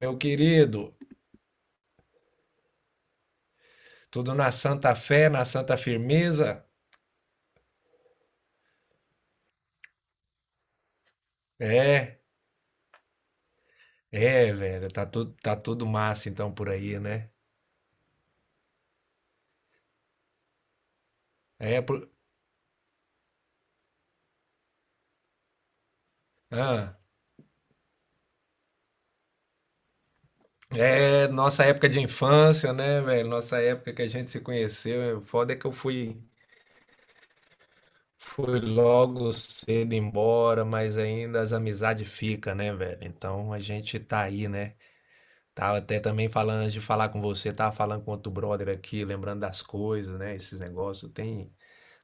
Meu querido. Tudo na santa fé, na santa firmeza. É, velho. Tá tudo massa então por aí, né? É, por... ah, é nossa época de infância, né, velho? Nossa época que a gente se conheceu. O foda é que eu fui logo cedo embora, mas ainda as amizades ficam, né, velho? Então a gente tá aí, né? Tava até também falando antes de falar com você, tava falando com outro brother aqui, lembrando das coisas, né? Esses negócios. Tem.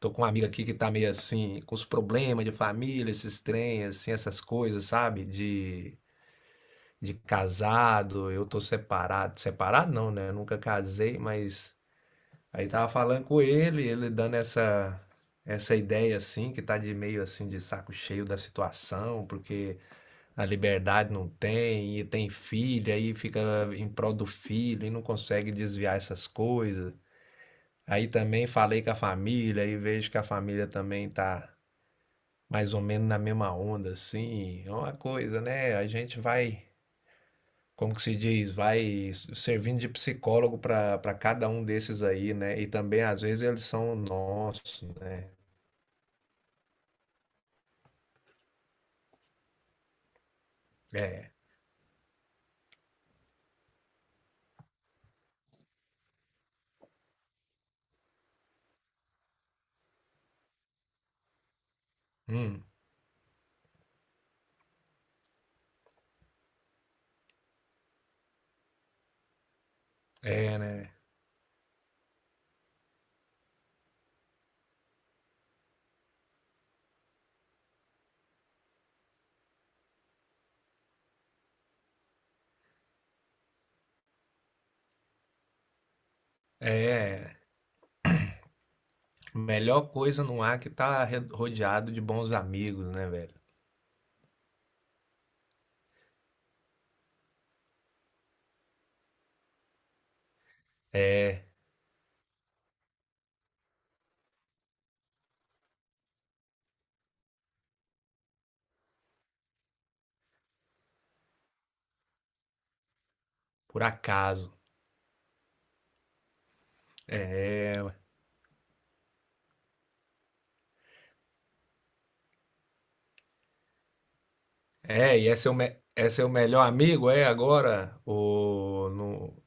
Tô com uma amiga aqui que tá meio assim, com os problemas de família, esses trem, assim, essas coisas, sabe? De casado, eu tô separado. Separado não, né? Eu nunca casei, mas aí tava falando com ele, ele dando essa ideia assim, que tá de meio assim, de saco cheio da situação, porque a liberdade não tem, e tem filho aí fica em prol do filho, e não consegue desviar essas coisas. Aí também falei com a família, e vejo que a família também tá mais ou menos na mesma onda, assim. É uma coisa, né? A gente vai, como que se diz, vai servindo de psicólogo para cada um desses aí, né? E também, às vezes, eles são nossos, né? É. Hum. É, né? É. Melhor coisa não há que tá rodeado de bons amigos, né, velho? Por acaso. É, e é seu, me... é seu melhor amigo, é agora? Ou não...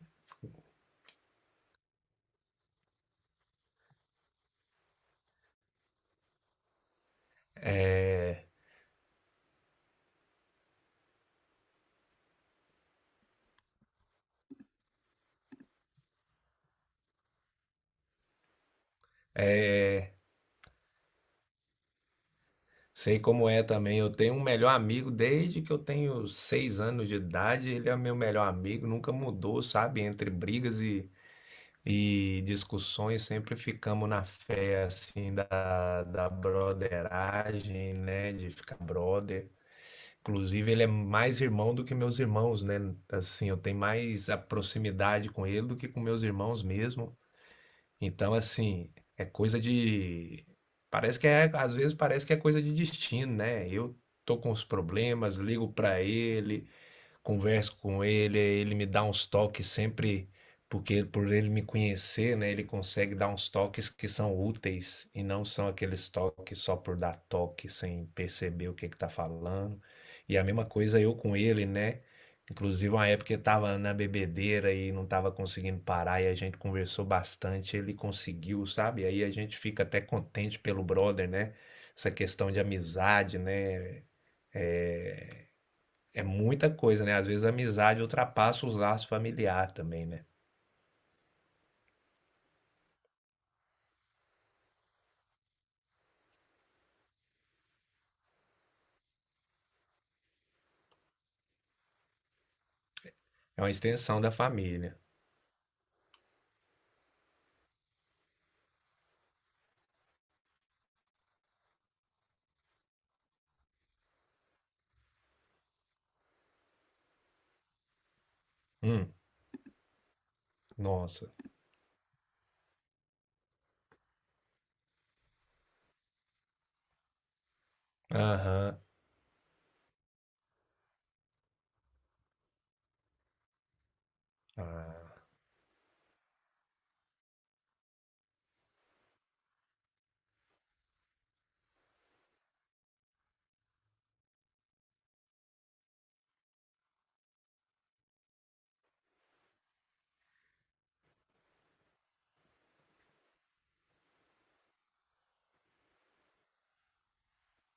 Sei como é também. Eu tenho um melhor amigo desde que eu tenho 6 anos de idade. Ele é meu melhor amigo, nunca mudou, sabe? Entre brigas e discussões, sempre ficamos na fé, assim, da, da brotheragem, né? De ficar brother. Inclusive, ele é mais irmão do que meus irmãos, né? Assim, eu tenho mais a proximidade com ele do que com meus irmãos mesmo. Então, assim, é coisa de. Parece que é, às vezes parece que é coisa de destino, né? Eu tô com os problemas, ligo pra ele, converso com ele, ele me dá uns toques sempre, porque por ele me conhecer, né, ele consegue dar uns toques que são úteis e não são aqueles toques só por dar toque sem perceber o que que tá falando. E a mesma coisa eu com ele, né? Inclusive, uma época eu tava na bebedeira e não tava conseguindo parar, e a gente conversou bastante, ele conseguiu, sabe? Aí a gente fica até contente pelo brother, né? Essa questão de amizade, né? É muita coisa, né? Às vezes a amizade ultrapassa os laços familiares também, né? É uma extensão da família. Hum, nossa. Aham. Ah,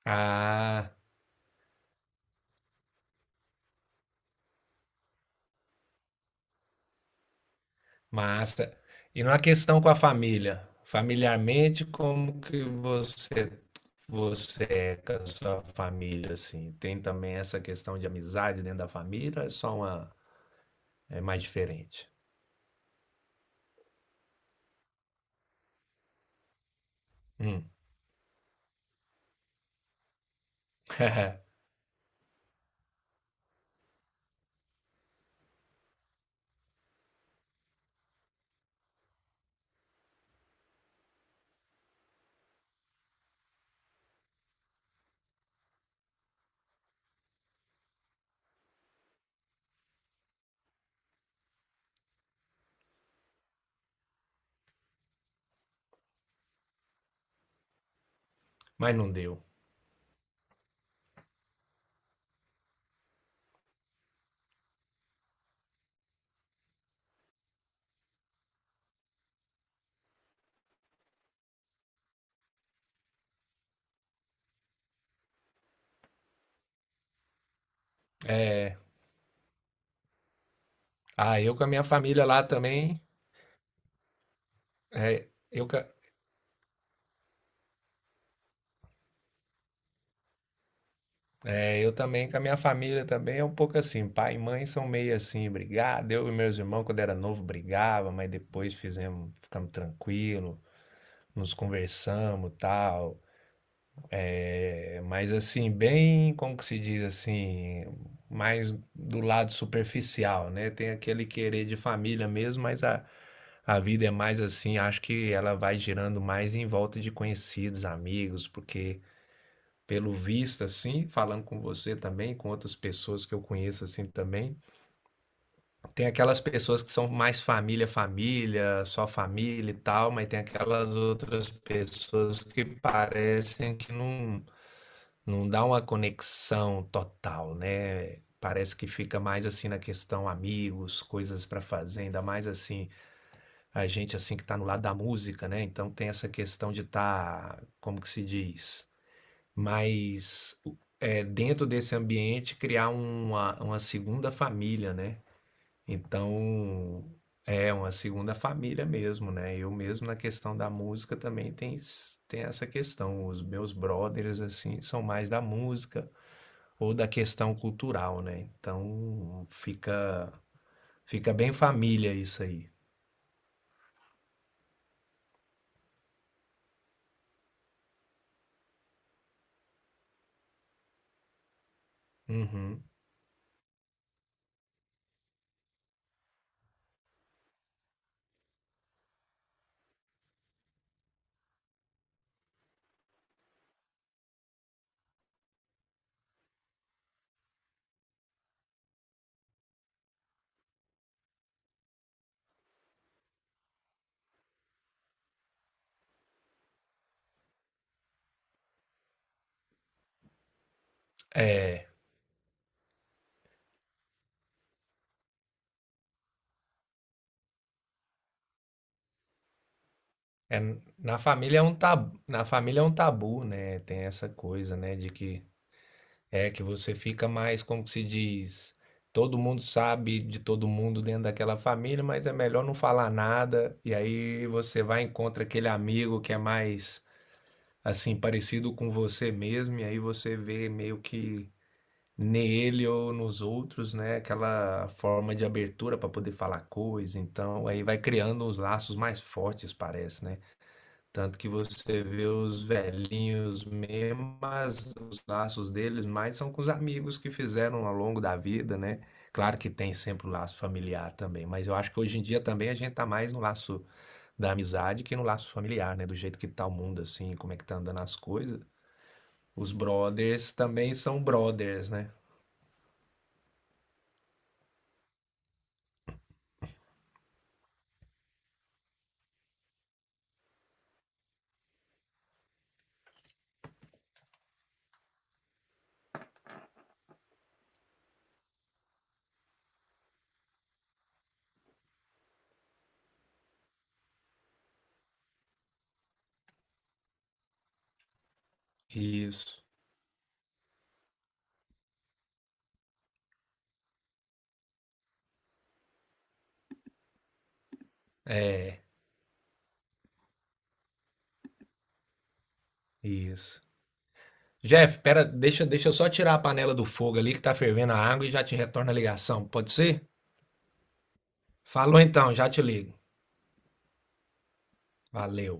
Ah, massa. E na questão com a família, familiarmente, como que você é com a sua família assim? Tem também essa questão de amizade dentro da família, ou é só uma é mais diferente. Hum. Mas não deu. É, ah, eu com a minha família lá também, é, eu, É, eu também, com a minha família também é um pouco assim. Pai e mãe são meio assim, brigado. Eu e meus irmãos, quando era novo, brigava, mas depois fizemos, ficamos tranquilos, nos conversamos e tal. É, mas assim, bem, como que se diz assim, mais do lado superficial, né? Tem aquele querer de família mesmo, mas a vida é mais assim, acho que ela vai girando mais em volta de conhecidos, amigos, porque pelo visto, assim, falando com você também, com outras pessoas que eu conheço, assim, também. Tem aquelas pessoas que são mais família, família, só família e tal, mas tem aquelas outras pessoas que parecem que não, não dá uma conexão total, né? Parece que fica mais assim na questão amigos, coisas para fazer, ainda mais assim, a gente assim que tá no lado da música, né? Então tem essa questão de estar como que se diz? Mas é, dentro desse ambiente criar uma segunda família, né? Então é uma segunda família mesmo, né? Eu mesmo na questão da música também tem, tem essa questão. Os meus brothers assim são mais da música ou da questão cultural, né? Então fica bem família isso aí. Uhum. É, é, na família é um tabu, na família é um tabu, né? Tem essa coisa, né, de que é que você fica mais, como que se diz, todo mundo sabe de todo mundo dentro daquela família, mas é melhor não falar nada. E aí você vai e encontra aquele amigo que é mais assim parecido com você mesmo, e aí você vê meio que nele ou nos outros, né, aquela forma de abertura para poder falar coisa. Então, aí vai criando uns laços mais fortes, parece, né? Tanto que você vê os velhinhos mesmo, mas os laços deles mais são com os amigos que fizeram ao longo da vida, né? Claro que tem sempre o laço familiar também, mas eu acho que hoje em dia também a gente tá mais no laço da amizade que no laço familiar, né? Do jeito que tá o mundo, assim, como é que tá andando as coisas. Os brothers também são brothers, né? Isso. É, isso. Jeff, pera, deixa eu só tirar a panela do fogo ali que tá fervendo a água e já te retorno a ligação, pode ser? Falou então, já te ligo. Valeu.